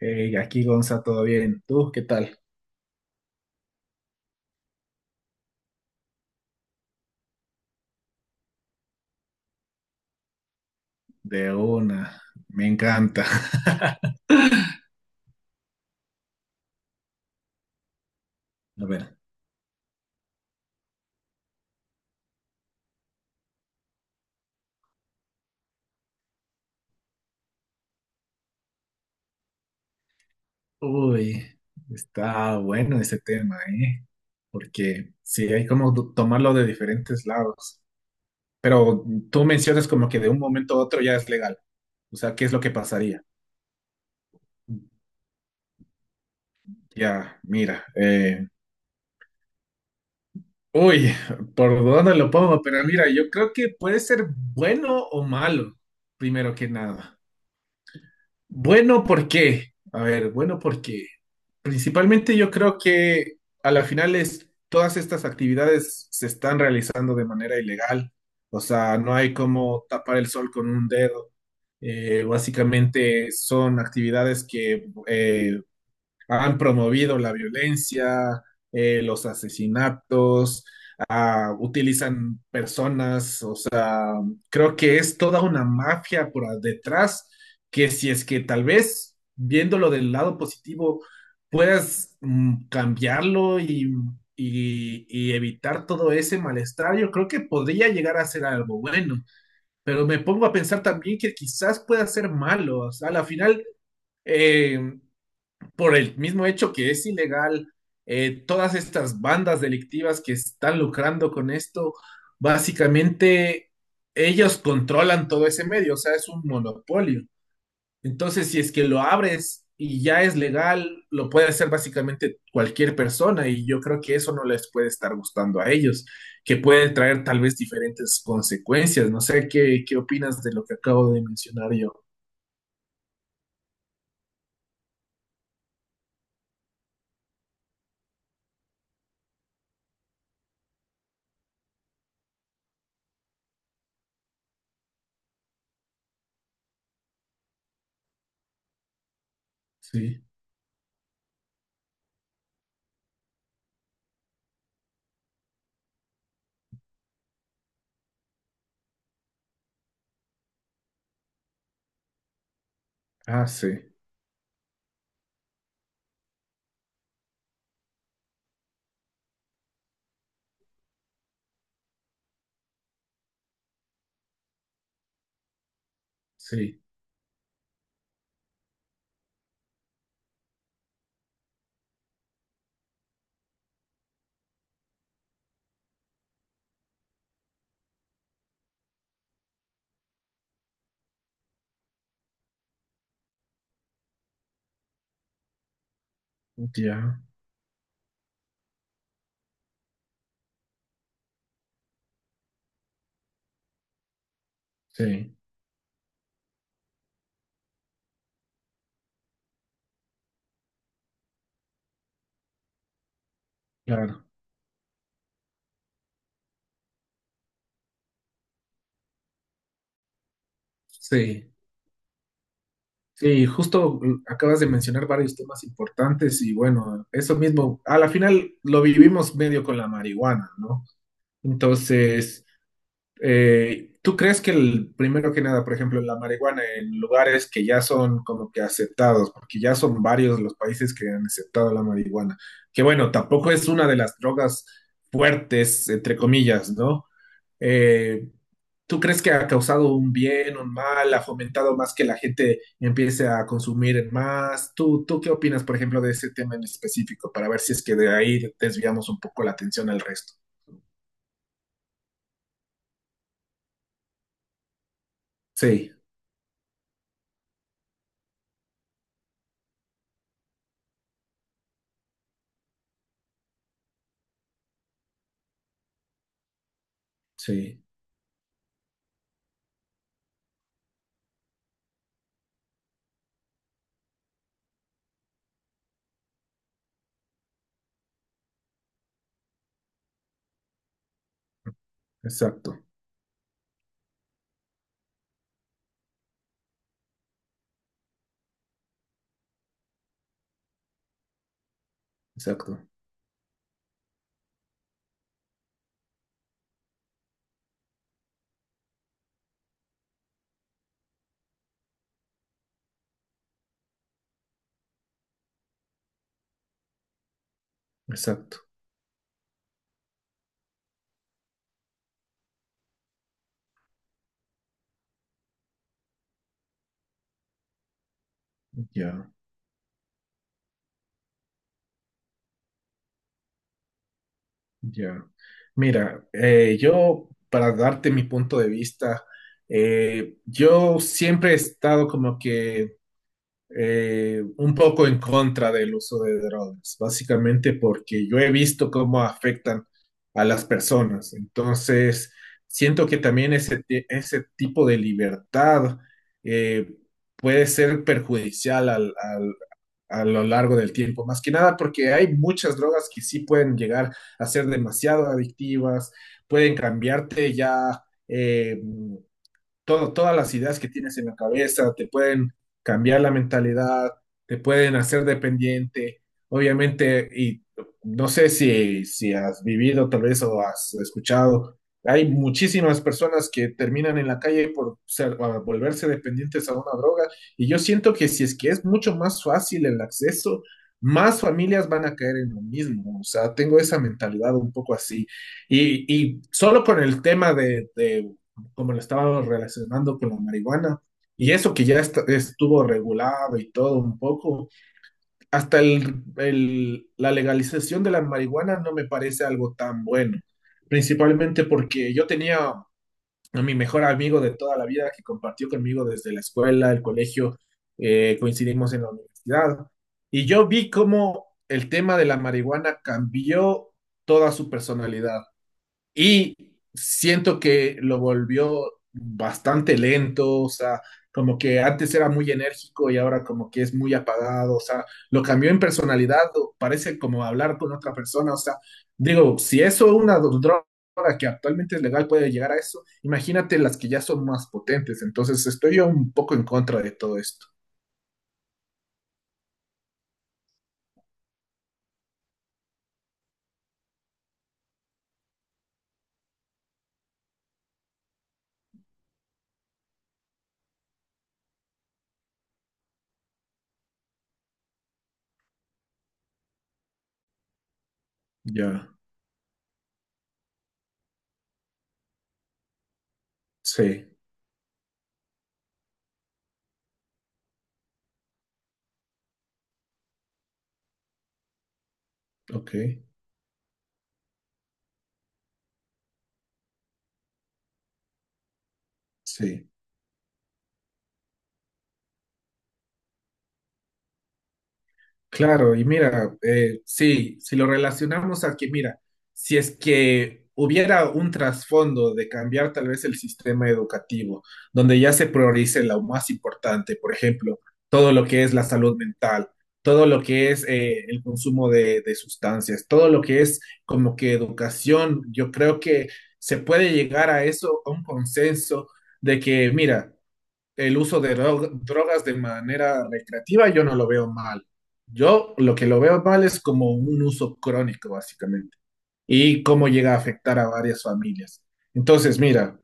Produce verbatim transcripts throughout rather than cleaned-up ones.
Hey, aquí Gonza, todo bien. ¿Tú qué tal? De una, me encanta. A ver, uy, está bueno ese tema, ¿eh? Porque sí, hay como do- tomarlo de diferentes lados. Pero tú mencionas como que de un momento a otro ya es legal. O sea, ¿qué es lo que pasaría? Ya, mira, eh, uy, ¿por dónde lo pongo? Pero mira, yo creo que puede ser bueno o malo, primero que nada. Bueno, ¿por qué? A ver, bueno, ¿por qué? Principalmente yo creo que a la final es, todas estas actividades se están realizando de manera ilegal, o sea, no hay como tapar el sol con un dedo. Eh, básicamente son actividades que eh, han promovido la violencia, eh, los asesinatos, ah, utilizan personas. Creo que es toda una mafia por a- detrás que, si es que tal vez viéndolo del lado positivo, puedas mm, cambiarlo y, y- y evitar todo ese malestar. Yo creo que podría llegar a ser algo bueno. Pero me pongo a pensar también que quizás pueda ser malo. O sea, a la final, eh, por el mismo hecho que es ilegal, eh, todas estas bandas delictivas que están lucrando con esto, básicamente ellos controlan todo ese medio, o sea, es un monopolio. Entonces, si es que lo abres y ya es legal, lo puede hacer básicamente cualquier persona y yo creo que eso no les puede estar gustando a ellos, que puede traer tal vez diferentes consecuencias. No sé qué, qué opinas de lo que acabo de mencionar yo. Sí. Ah, sí, sí, ya, sí, claro. Sí, sí, justo mm, acabas de mencionar varios temas importantes y bueno, eso mismo, a la final lo vivimos medio con la marihuana, ¿no? Entonces, eh, ¿tú crees que el, primero que nada, por ejemplo, la marihuana en lugares que ya son como que aceptados, porque ya son varios los países que han aceptado la marihuana, que bueno, tampoco es una de las drogas fuertes, entre comillas, ¿no? Eh, ¿Tú crees que ha causado un bien, un mal, ha fomentado más que la gente empiece a consumir más? ¿Tú, tú qué opinas, por ejemplo, de ese tema en específico para ver si es que de ahí desviamos un poco la atención al resto? Sí, sí, exacto, exacto, exacto. Ya, ya. Mira, eh, yo, para darte mi punto de vista, eh, yo siempre he estado como que eh, un poco en contra del uso de drogas, básicamente porque yo he visto cómo afectan a las personas. Entonces, siento que también ese, ti- ese tipo de libertad eh, puede ser perjudicial al, al- a lo largo del tiempo, más que nada porque hay muchas drogas que sí pueden llegar a ser demasiado adictivas, pueden cambiarte ya. eh, todo, todas las ideas que tienes en la cabeza, te pueden cambiar la mentalidad, te pueden hacer dependiente. Obviamente, y no sé si, si has vivido tal vez o has escuchado, hay muchísimas personas que terminan en la calle por ser- a volverse dependientes a una droga, y yo siento que si es que es mucho más fácil el acceso, más familias van a caer en lo mismo. O sea, tengo esa mentalidad un poco así. Y, y solo con el tema de, de como lo estábamos relacionando con la marihuana. Y eso que ya est- estuvo regulado y todo un poco, hasta el, el- la legalización de la marihuana no me parece algo tan bueno, principalmente porque yo tenía a mi mejor amigo de toda la vida que compartió conmigo desde la escuela, el colegio, eh, coincidimos en la universidad, y yo vi cómo el tema de la marihuana cambió toda su personalidad. Y siento que lo volvió bastante lento, o sea, como que antes era muy enérgico y ahora como que es muy apagado, o sea, lo cambió en personalidad, o parece como hablar con otra persona, o sea, digo, si eso una dro- droga que actualmente es legal puede llegar a eso, imagínate las que ya son más potentes, entonces estoy yo un poco en contra de todo esto. Ya, sí, ok, sí. Claro, y mira, eh, sí, si lo relacionamos a que, mira, si es que hubiera un trasfondo de cambiar tal vez el sistema educativo, donde ya se priorice lo más importante, por ejemplo, todo lo que es la salud mental, todo lo que es eh, el consumo de, de sustancias, todo lo que es como que educación, yo creo que se puede llegar a eso, a un consenso de que, mira, el uso de dro- drogas de manera recreativa, yo no lo veo mal. Yo lo que lo veo mal es como un uso crónico, básicamente, y cómo llega a afectar a varias familias. Entonces, mira,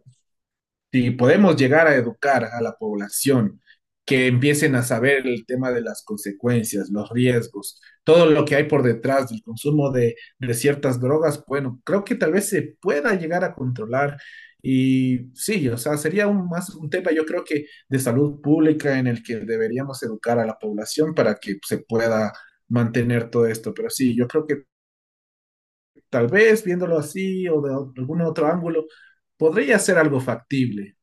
si podemos llegar a educar a la población, que empiecen a saber el tema de las consecuencias, los riesgos, todo lo que hay por detrás del consumo de, de ciertas drogas, bueno, creo que tal vez se pueda llegar a controlar. Y sí, o sea, sería un, más un tema, yo creo que de salud pública en el que deberíamos educar a la población para que se pueda mantener todo esto. Pero sí, yo creo que tal vez viéndolo así o de algún otro ángulo, podría ser algo factible.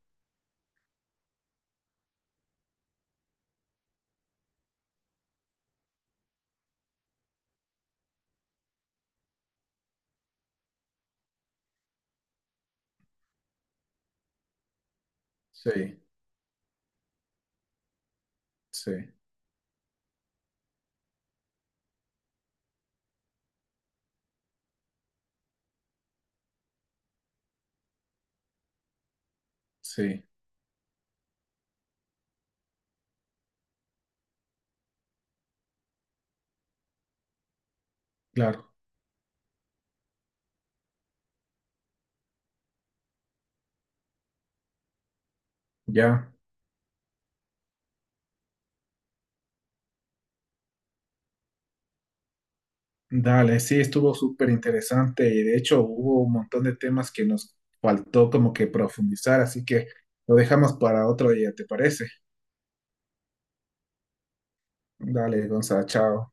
Sí. Sí, sí, claro, ya, dale, sí, estuvo súper interesante y de hecho hubo un montón de temas que nos faltó como que profundizar, así que lo dejamos para otro día, ¿te parece? Dale, Gonzalo, chao.